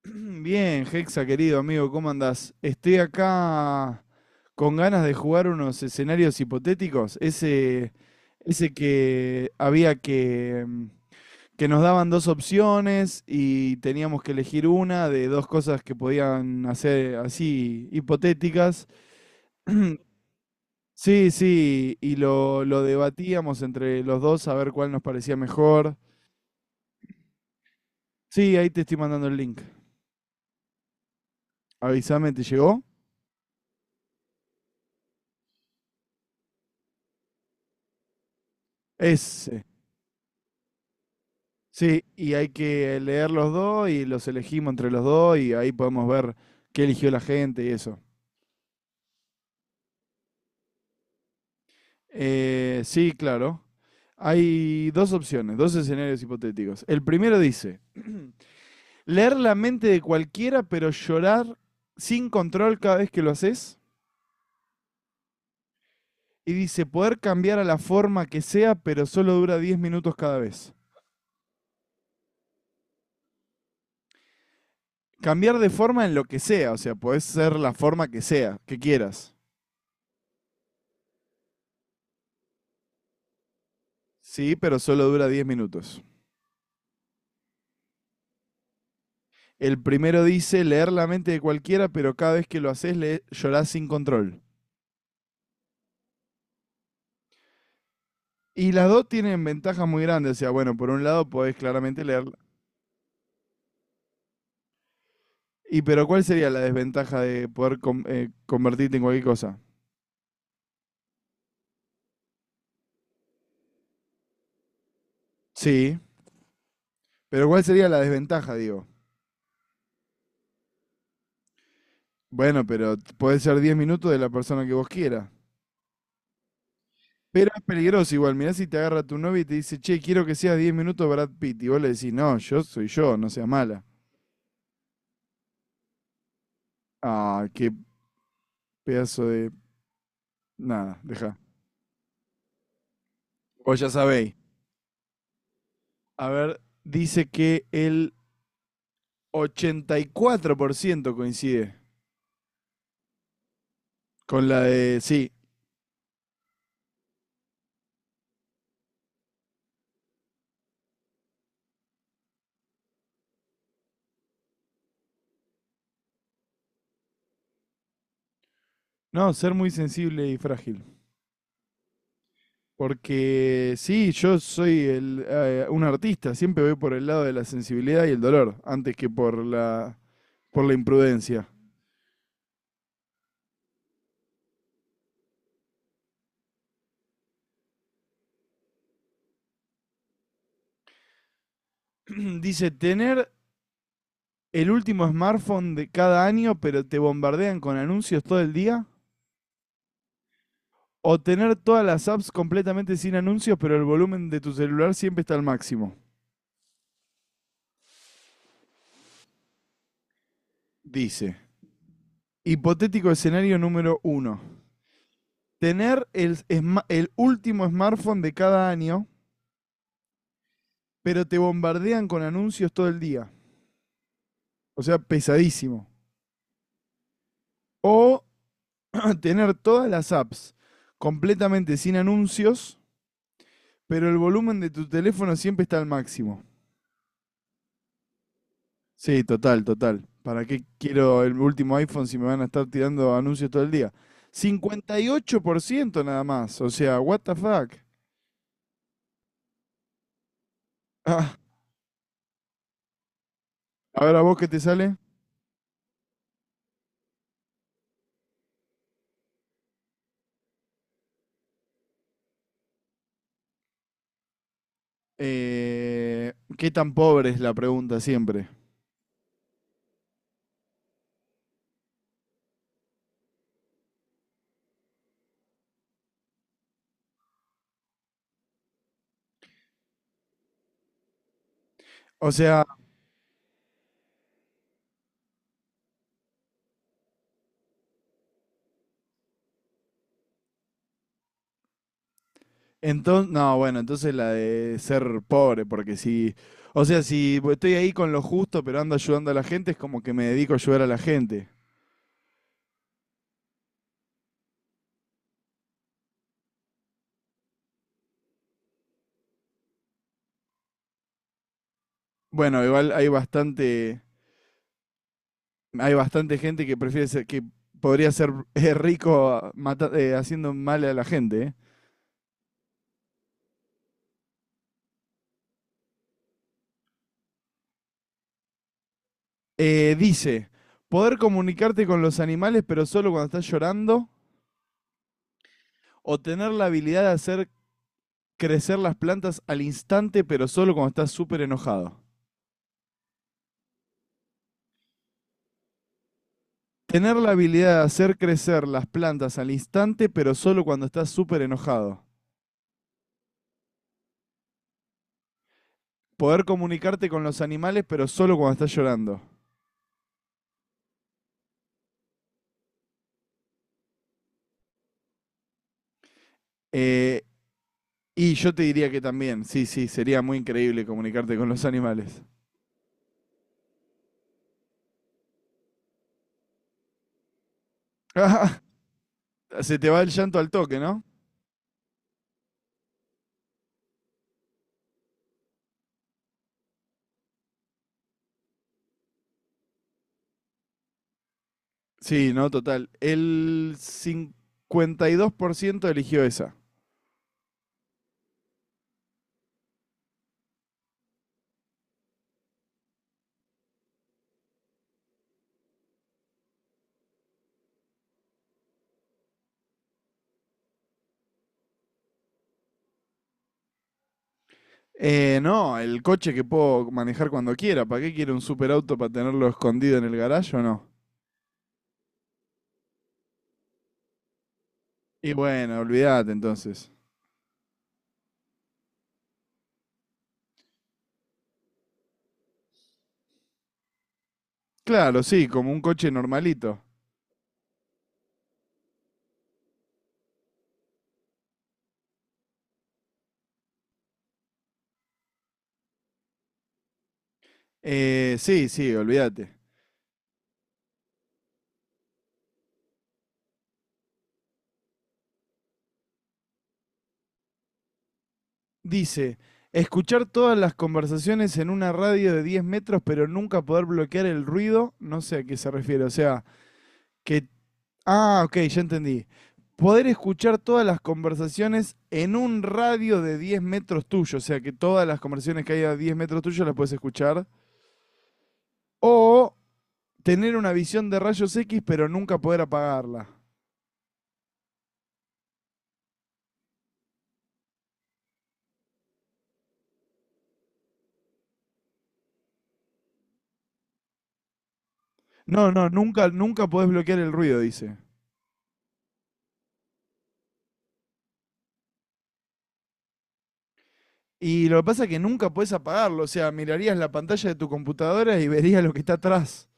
Bien, Hexa, querido amigo, ¿cómo andás? Estoy acá con ganas de jugar unos escenarios hipotéticos. Ese que había que, que nos daban dos opciones y teníamos que elegir una de dos cosas que podían hacer así hipotéticas. Sí, sí, y lo debatíamos entre los dos a ver cuál nos parecía mejor. Sí, ahí te estoy mandando el link. Avísame, ¿te llegó? Ese. Sí, y hay que leer los dos y los elegimos entre los dos y ahí podemos ver qué eligió la gente y eso. Sí, claro. Hay dos opciones, dos escenarios hipotéticos. El primero dice, leer la mente de cualquiera pero llorar sin control cada vez que lo haces. Y dice, poder cambiar a la forma que sea pero solo dura 10 minutos cada vez. Cambiar de forma en lo que sea, o sea, podés ser la forma que sea, que quieras. Sí, pero solo dura 10 minutos. El primero dice leer la mente de cualquiera, pero cada vez que lo haces le llorás sin control. Y las dos tienen ventajas muy grandes. O sea, bueno, por un lado podés claramente leer. Y pero ¿cuál sería la desventaja de poder convertirte en cualquier cosa? Sí. Pero ¿cuál sería la desventaja, digo? Bueno, ser 10 minutos de la persona que vos quieras. Pero es peligroso igual. Mirá si te agarra tu novia y te dice, che, quiero que seas 10 minutos Brad Pitt. Y vos le decís, no, yo soy yo, no seas mala. Ah, qué pedazo de... Nada, deja. Vos ya sabéis. A ver, dice que el 84% coincide con la de, sí, no, ser muy sensible y frágil. Porque sí, yo soy un artista, siempre voy por el lado de la sensibilidad y el dolor, antes que por la imprudencia. Dice, tener el último smartphone de cada año, pero te bombardean con anuncios todo el día. O tener todas las apps completamente sin anuncios, pero el volumen de tu celular siempre está al máximo. Dice. Hipotético escenario número uno. Tener el último smartphone de cada año, pero te bombardean con anuncios todo el día. O sea, pesadísimo. O tener todas las apps completamente sin anuncios, pero el volumen de tu teléfono siempre está al máximo. Sí, total, total. ¿Para qué quiero el último iPhone si me van a estar tirando anuncios todo el día? 58% nada más. O sea, what the fuck. Ah, a ver, ¿a vos qué te sale? ¿Qué tan pobre es la pregunta siempre? O sea, entonces, no, bueno, entonces la de ser pobre, porque si, o sea, si estoy ahí con lo justo, pero ando ayudando a la gente, es como que me dedico a ayudar a la gente. Bueno, hay bastante gente que prefiere ser, que podría ser haciendo mal a la gente. ¿Eh? Dice, poder comunicarte con los animales, pero solo cuando estás llorando, o tener la habilidad de hacer crecer las plantas al instante, pero solo cuando estás súper enojado. Tener la habilidad de hacer crecer las plantas al instante, pero solo cuando estás súper enojado. Poder comunicarte con los animales, pero solo cuando estás llorando. Eh, y yo te diría que también, sí, sí, sería muy increíble comunicarte con los animales. Ah, se te va el llanto al toque, ¿no? Sí, no, total. El 52% eligió esa. No, el coche que puedo manejar cuando quiera. ¿Para qué quiere un superauto para tenerlo escondido en el garaje o no? Y bueno, olvídate entonces. Claro, sí, como un coche normalito. Sí, sí, olvídate. Dice, escuchar todas las conversaciones en una radio de 10 metros pero nunca poder bloquear el ruido, no sé a qué se refiere. O sea, que Ah, ok, ya entendí. Poder escuchar todas las conversaciones en un radio de 10 metros tuyo, o sea que todas las conversaciones que hay a 10 metros tuyo las puedes escuchar. O tener una visión de rayos X pero nunca poder apagarla. No, no, nunca, nunca podés bloquear el ruido, dice. Y lo que pasa es que nunca podés apagarlo, o sea, mirarías la pantalla de tu computadora y verías lo que está atrás.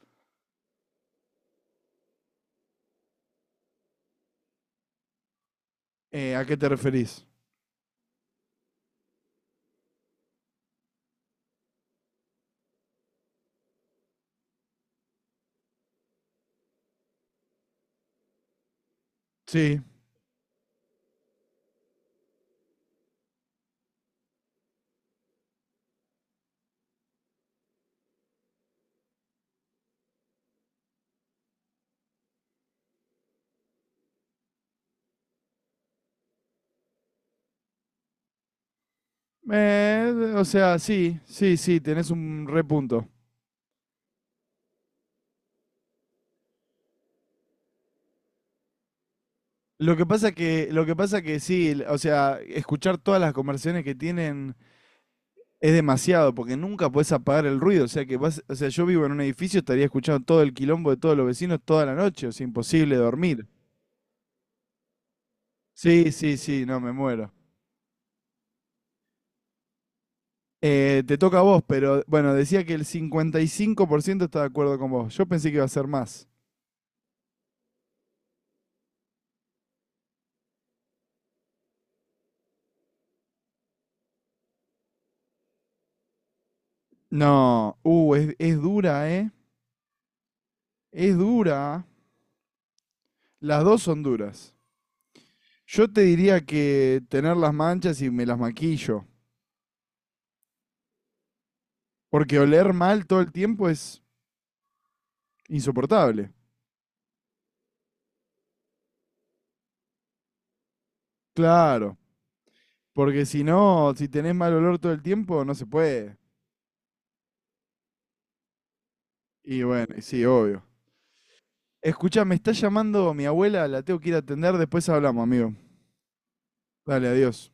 ¿A qué te referís? Sí. O sea, sí, sí, sí, tenés un repunto. Lo que pasa que sí, o sea, escuchar todas las conversaciones que tienen es demasiado, porque nunca podés apagar el ruido. O sea que vas, o sea, yo vivo en un edificio, estaría escuchando todo el quilombo de todos los vecinos toda la noche, o sea, imposible dormir. Sí, sí, sí, no, me muero. Te toca a vos, pero bueno, decía que el 55% está de acuerdo con vos. Yo pensé que iba a ser más. No, es dura, ¿eh? Es dura. Las dos son duras. Yo te diría que tener las manchas y me las maquillo. Porque oler mal todo el tiempo es insoportable. Claro. Porque si no, si tenés mal olor todo el tiempo, no se puede. Y bueno, y sí, obvio. Escucha, me está llamando mi abuela, la tengo que ir a atender, después hablamos, amigo. Dale, adiós.